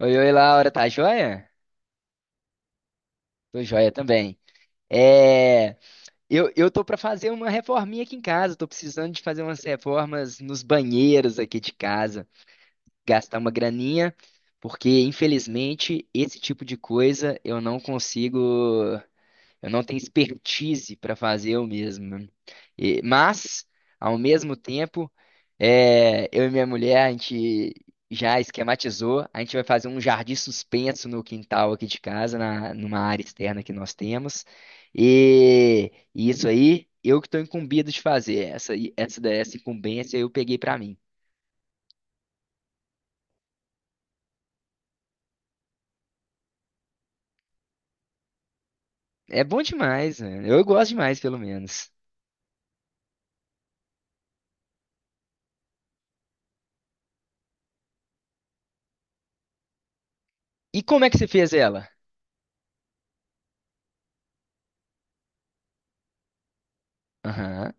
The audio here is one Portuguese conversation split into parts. Oi, oi, Laura, tá joia? Tô joia também. É, eu tô pra fazer uma reforminha aqui em casa, tô precisando de fazer umas reformas nos banheiros aqui de casa, gastar uma graninha, porque infelizmente esse tipo de coisa eu não consigo. Eu não tenho expertise para fazer eu mesmo, né? Mas, ao mesmo tempo, eu e minha mulher, a gente já esquematizou, a gente vai fazer um jardim suspenso no quintal aqui de casa, numa área externa que nós temos. E isso aí, eu que estou incumbido de fazer. Essa, aí- essa, da- essa incumbência eu peguei para mim. É bom demais, né? Eu gosto demais, pelo menos. E como é que você fez ela? Aham.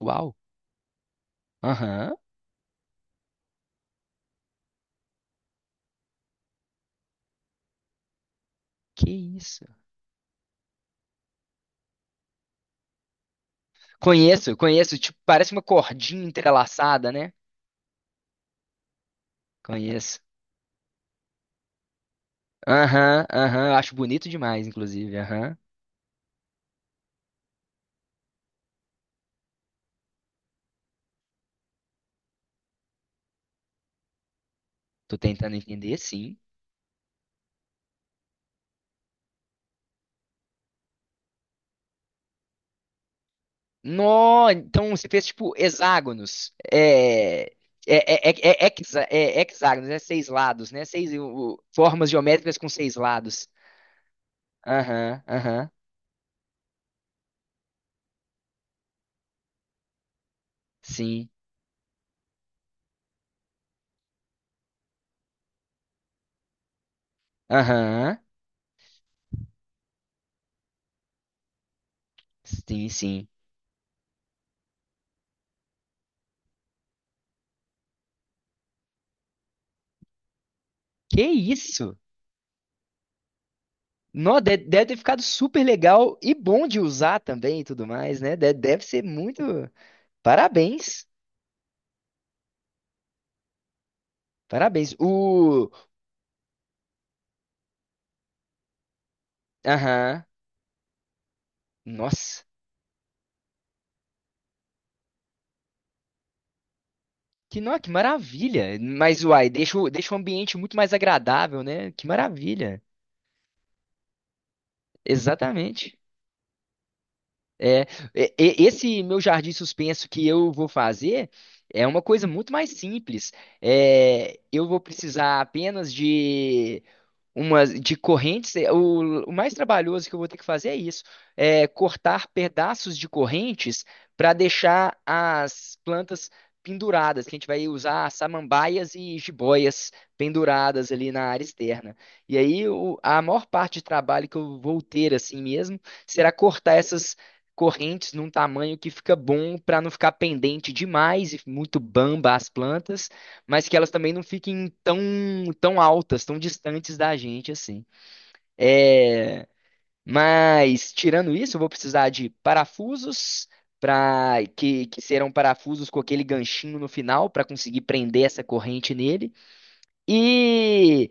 Uau. Aham. Que isso? Conheço, conheço. Tipo, parece uma cordinha entrelaçada, né? Conheço. Aham, aham. Acho bonito demais, inclusive. Aham. Tô tentando entender, sim. Nó, então você fez tipo hexágonos. É. É hexágonos, é seis lados, né? Seis formas geométricas com seis lados. Aham, aham, sim. Aham, sim, sim. Que isso? Nó, deve ter ficado super legal e bom de usar também e tudo mais, né? Deve ser muito. Parabéns, parabéns. O. Aham. Nossa, que, nó, que maravilha. Mas, uai, deixa, deixa o ambiente muito mais agradável, né? Que maravilha. Exatamente. É, esse meu jardim suspenso que eu vou fazer é uma coisa muito mais simples. É, eu vou precisar apenas de umas de correntes. É, o mais trabalhoso que eu vou ter que fazer é isso: é cortar pedaços de correntes para deixar as plantas penduradas, que a gente vai usar samambaias e jiboias penduradas ali na área externa. E aí a maior parte de trabalho que eu vou ter assim mesmo será cortar essas correntes num tamanho que fica bom para não ficar pendente demais e muito bamba as plantas, mas que elas também não fiquem tão altas, tão distantes da gente assim. É, mas tirando isso, eu vou precisar de parafusos para que serão parafusos com aquele ganchinho no final para conseguir prender essa corrente nele. E,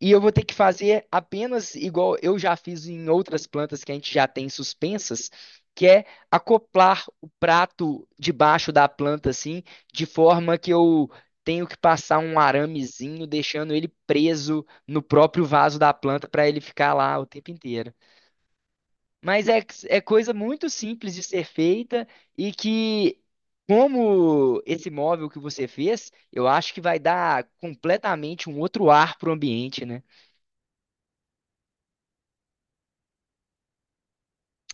e eu vou ter que fazer apenas igual eu já fiz em outras plantas que a gente já tem suspensas, que é acoplar o prato debaixo da planta assim, de forma que eu tenho que passar um aramezinho, deixando ele preso no próprio vaso da planta para ele ficar lá o tempo inteiro. Mas é, é coisa muito simples de ser feita e que, como esse móvel que você fez, eu acho que vai dar completamente um outro ar para o ambiente, né?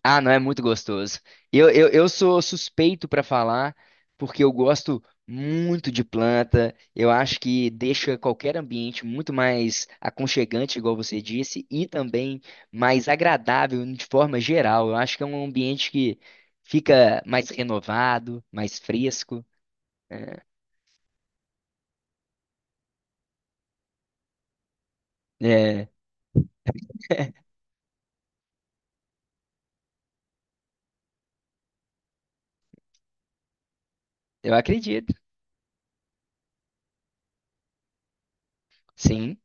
Ah, não, é muito gostoso. Eu sou suspeito para falar, porque eu gosto muito de planta. Eu acho que deixa qualquer ambiente muito mais aconchegante, igual você disse, e também mais agradável de forma geral. Eu acho que é um ambiente que fica mais renovado, mais fresco. É, é, eu acredito, sim.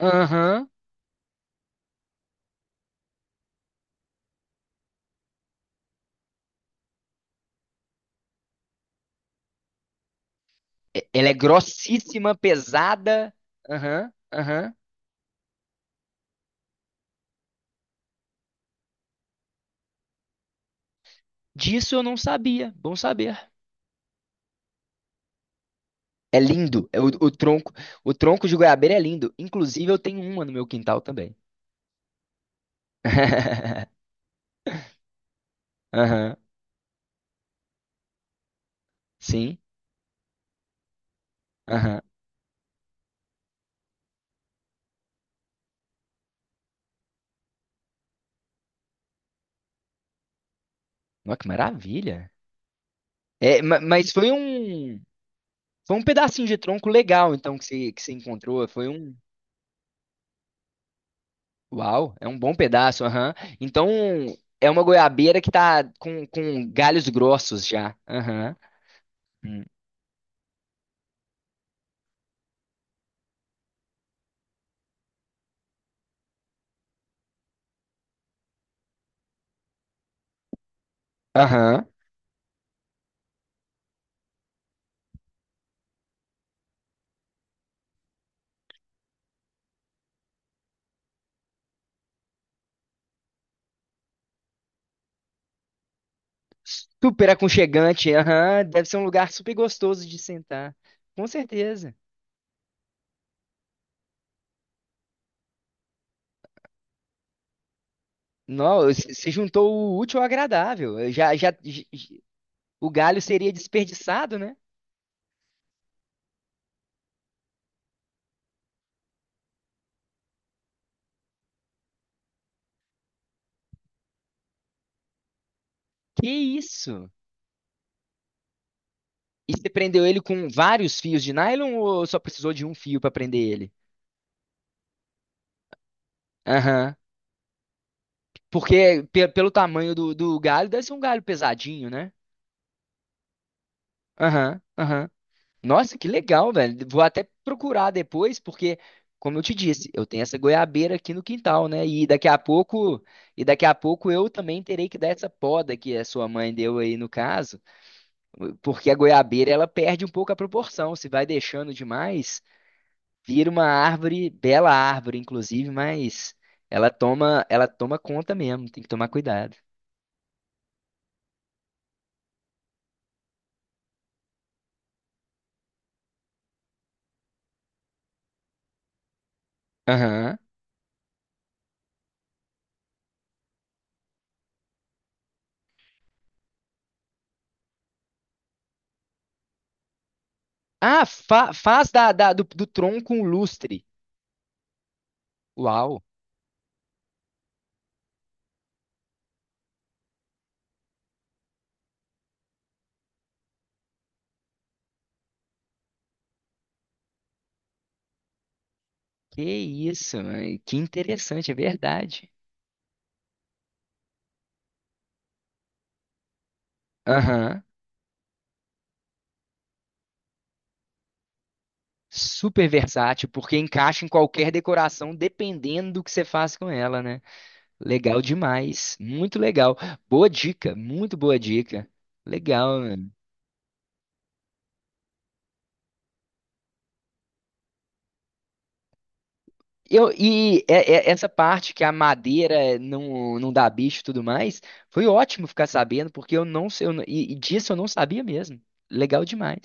Aham. Ela é grossíssima, pesada. Aham, aham. Disso eu não sabia. Bom saber. É lindo. É o tronco de goiabeira é lindo. Inclusive, eu tenho uma no meu quintal também. Aham, sim. Aham. Nossa, que maravilha. É, foi um pedacinho de tronco legal, então, que você encontrou. Foi um. Uau, é um bom pedaço, aham. Então, é uma goiabeira que tá com galhos grossos já. Aham. Hum. Aham. Super aconchegante, aham. Deve ser um lugar super gostoso de sentar. Com certeza. Não, você juntou o útil ao agradável. Eu o galho seria desperdiçado, né? Que isso? E você prendeu ele com vários fios de nylon ou só precisou de um fio para prender ele? Aham. Porque pelo tamanho do galho, deve ser um galho pesadinho, né? Aham, aham. Nossa, que legal, velho. Vou até procurar depois, porque, como eu te disse, eu tenho essa goiabeira aqui no quintal, né? E daqui a pouco eu também terei que dar essa poda que a sua mãe deu aí no caso. Porque a goiabeira ela perde um pouco a proporção. Se vai deixando demais, vira uma árvore, bela árvore, inclusive, mas ela toma conta mesmo, tem que tomar cuidado. Aham. Ah, faz do tronco um lustre. Uau, que isso, mãe, que interessante, é verdade. Aham. Super versátil, porque encaixa em qualquer decoração, dependendo do que você faz com ela, né? Legal demais, muito legal. Boa dica, muito boa dica. Legal, mano. Eu, essa parte que a madeira não dá bicho e tudo mais, foi ótimo ficar sabendo, porque eu não sei, eu não- e disso eu não sabia mesmo. Legal demais.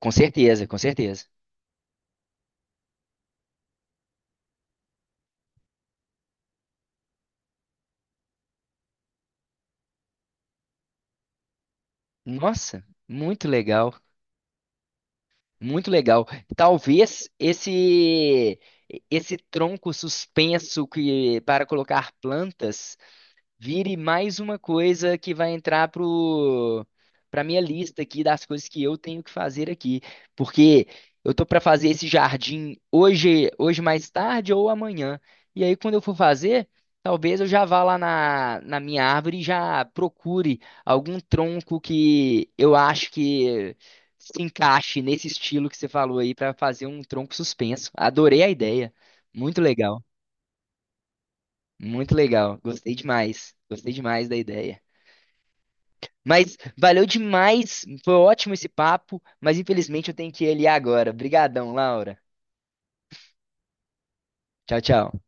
Com certeza, com certeza. Nossa, muito legal, muito legal. Talvez esse tronco suspenso que para colocar plantas vire mais uma coisa que vai entrar pro para minha lista aqui das coisas que eu tenho que fazer aqui, porque eu tô para fazer esse jardim hoje, hoje mais tarde ou amanhã. E aí quando eu for fazer, talvez eu já vá lá na minha árvore e já procure algum tronco que eu acho que se encaixe nesse estilo que você falou aí para fazer um tronco suspenso. Adorei a ideia. Muito legal. Muito legal. Gostei demais. Gostei demais da ideia. Mas valeu demais, foi ótimo esse papo, mas infelizmente eu tenho que ir ali agora. Obrigadão, Laura. Tchau, tchau.